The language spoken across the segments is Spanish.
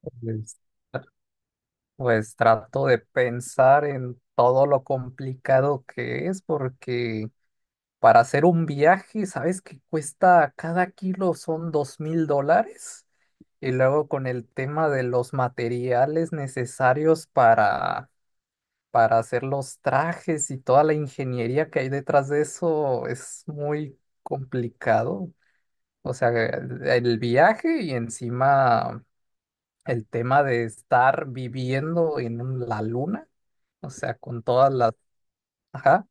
Pues, pues trato de pensar en todo lo complicado que es, porque para hacer un viaje, ¿sabes que cuesta cada kilo son $2,000? Y luego con el tema de los materiales necesarios para hacer los trajes y toda la ingeniería que hay detrás de eso es muy complicado. O sea, el viaje y encima el tema de estar viviendo en la luna. O sea, con todas las... Ajá,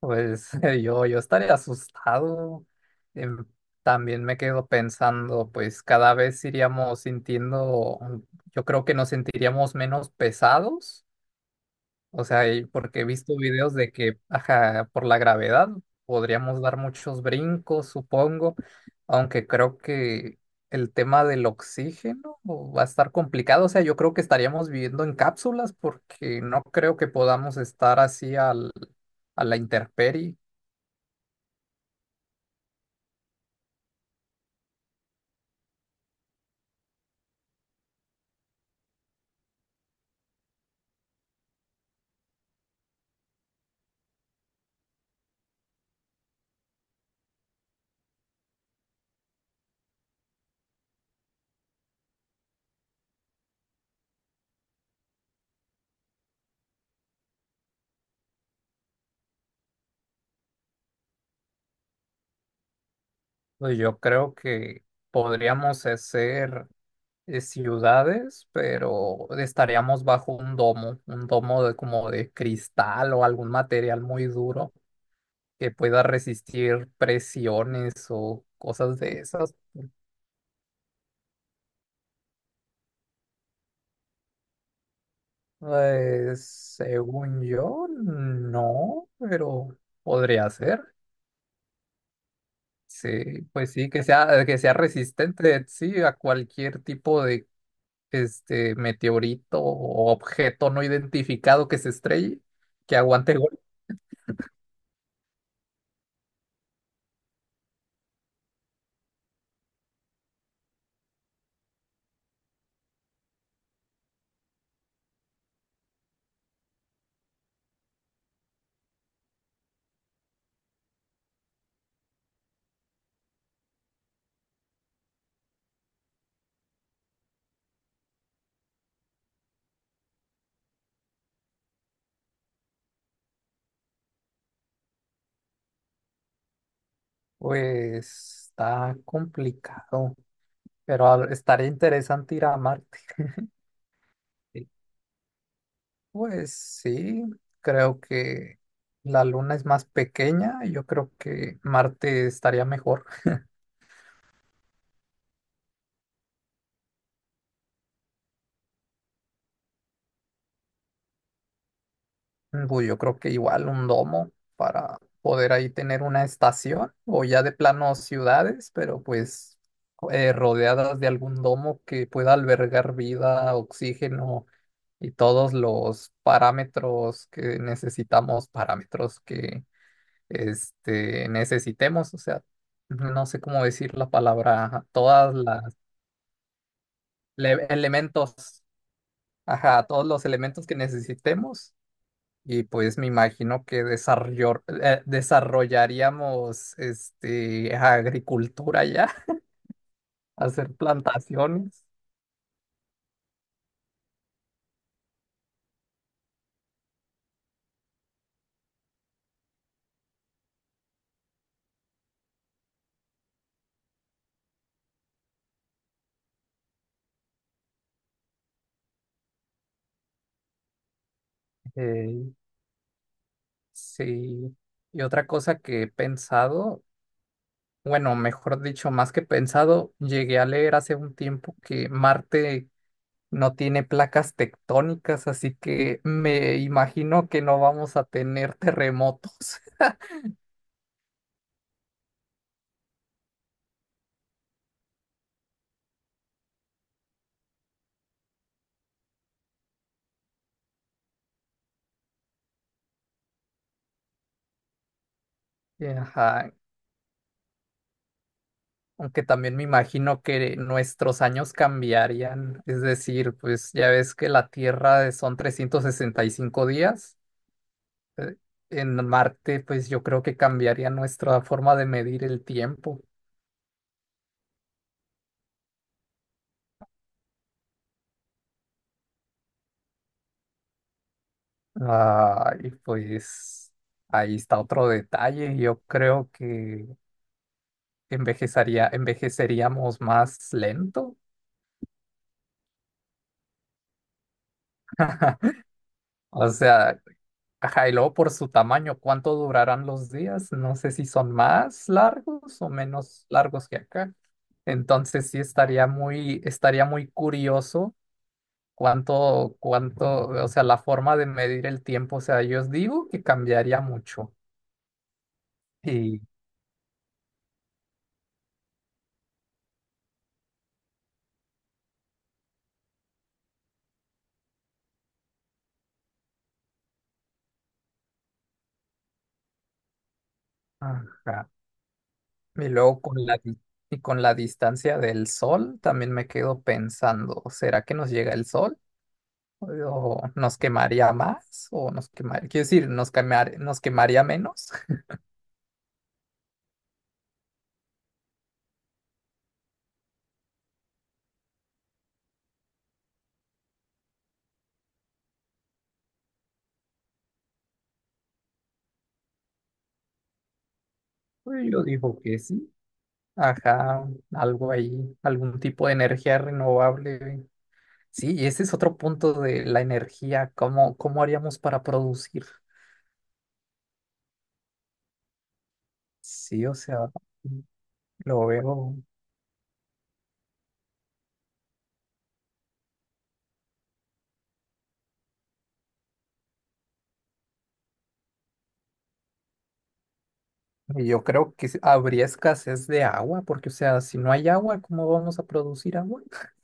pues yo estaría asustado. Em, También me quedo pensando, pues cada vez iríamos sintiendo, yo creo que nos sentiríamos menos pesados. O sea, y porque he visto videos de que, ajá, por la gravedad podríamos dar muchos brincos, supongo, aunque creo que el tema del oxígeno va a estar complicado. O sea, yo creo que estaríamos viviendo en cápsulas porque no creo que podamos estar así a la intemperie. Pues yo creo que podríamos hacer ciudades, pero estaríamos bajo un domo de como de cristal o algún material muy duro que pueda resistir presiones o cosas de esas. Según yo, no, pero podría ser. Sí, pues sí, que sea resistente, sí, a cualquier tipo de este meteorito o objeto no identificado que se estrelle, que aguante golpe. Pues está complicado, pero estaría interesante ir a Marte. Pues sí, creo que la Luna es más pequeña. Yo creo que Marte estaría mejor. Pues yo creo que igual un domo para poder ahí tener una estación o ya de plano ciudades, pero pues rodeadas de algún domo que pueda albergar vida, oxígeno y todos los parámetros que necesitamos, necesitemos, o sea. No sé cómo decir la palabra, todas las elementos, ajá, todos los elementos que necesitemos. Y pues me imagino que desarrollaríamos este, agricultura ya, hacer plantaciones. Eh, sí. Y otra cosa que he pensado, bueno, mejor dicho, más que pensado, llegué a leer hace un tiempo que Marte no tiene placas tectónicas, así que me imagino que no vamos a tener terremotos. Ajá, aunque también me imagino que nuestros años cambiarían, es decir, pues ya ves que la Tierra son 365 días, eh, en Marte pues yo creo que cambiaría nuestra forma de medir el tiempo. Ah, y pues ahí está otro detalle, yo creo que envejeceríamos más lento. O sea, ajá, y luego por su tamaño, ¿cuánto durarán los días? No sé si son más largos o menos largos que acá. Entonces sí estaría estaría muy curioso cuánto, o sea, la forma de medir el tiempo. O sea, yo os digo que cambiaría mucho. Y, ajá. Y luego con y con la distancia del sol también me quedo pensando, ¿será que nos llega el sol? ¿O nos quemaría más? ¿O nos quemaría, quiero decir, nos quemaría menos? Pues yo digo que sí. Ajá, algo ahí, algún tipo de energía renovable. Sí, y ese es otro punto de la energía. ¿Cómo haríamos para producir? Sí, o sea, lo veo. Y yo creo que habría escasez de agua, porque, o sea, si no hay agua, ¿cómo vamos a producir agua?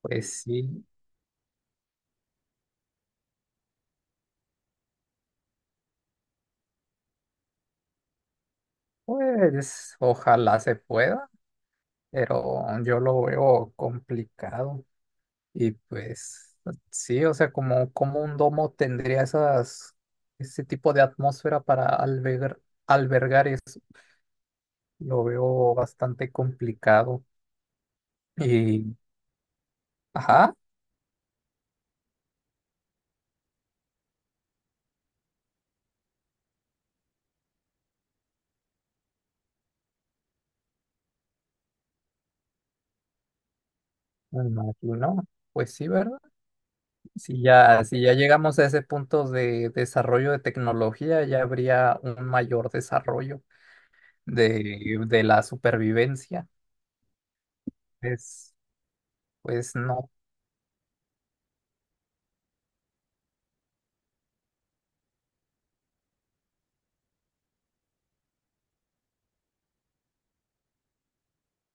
Pues sí, pues ojalá se pueda, pero yo lo veo complicado. Y pues sí, o sea, como un domo tendría ese tipo de atmósfera para albergar eso, lo veo bastante complicado. Y, ajá, me imagino, pues sí, ¿verdad? Si ya, si ya llegamos a ese punto de desarrollo de tecnología, ya habría un mayor desarrollo de la supervivencia. Es, pues no.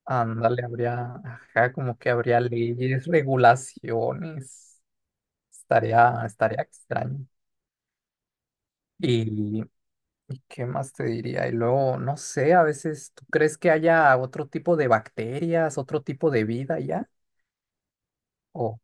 Ándale, habría, ajá, como que habría leyes, regulaciones. Estaría extraño. Y, ¿Y qué más te diría? Y luego, no sé, a veces, ¿tú crees que haya otro tipo de bacterias, otro tipo de vida ya? O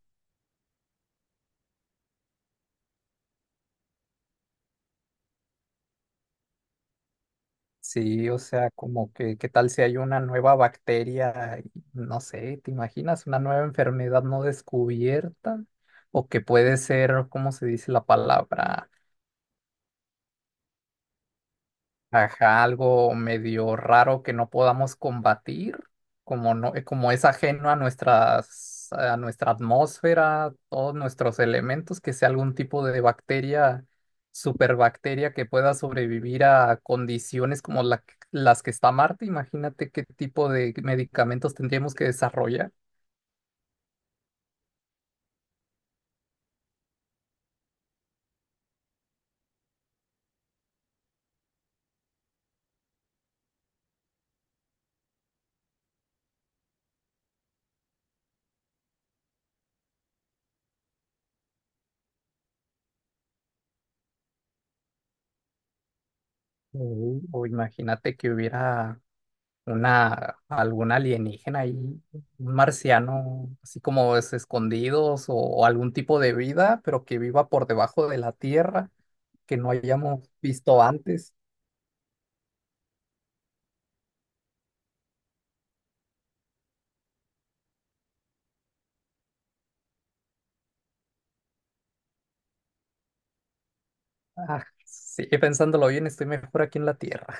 sí, o sea, como que, ¿qué tal si hay una nueva bacteria? Y, no sé, ¿te imaginas una nueva enfermedad no descubierta? O que puede ser, ¿cómo se dice la palabra? Ajá, algo medio raro que no podamos combatir, como no, como es ajeno a a nuestra atmósfera, todos nuestros elementos, que sea algún tipo de bacteria, superbacteria que pueda sobrevivir a condiciones como las que está Marte. Imagínate qué tipo de medicamentos tendríamos que desarrollar. Mm, o imagínate que hubiera algún alienígena ahí, un marciano, así como es escondidos o algún tipo de vida, pero que viva por debajo de la tierra, que no hayamos visto antes. Ah, sí, pensándolo bien, estoy mejor aquí en la tierra.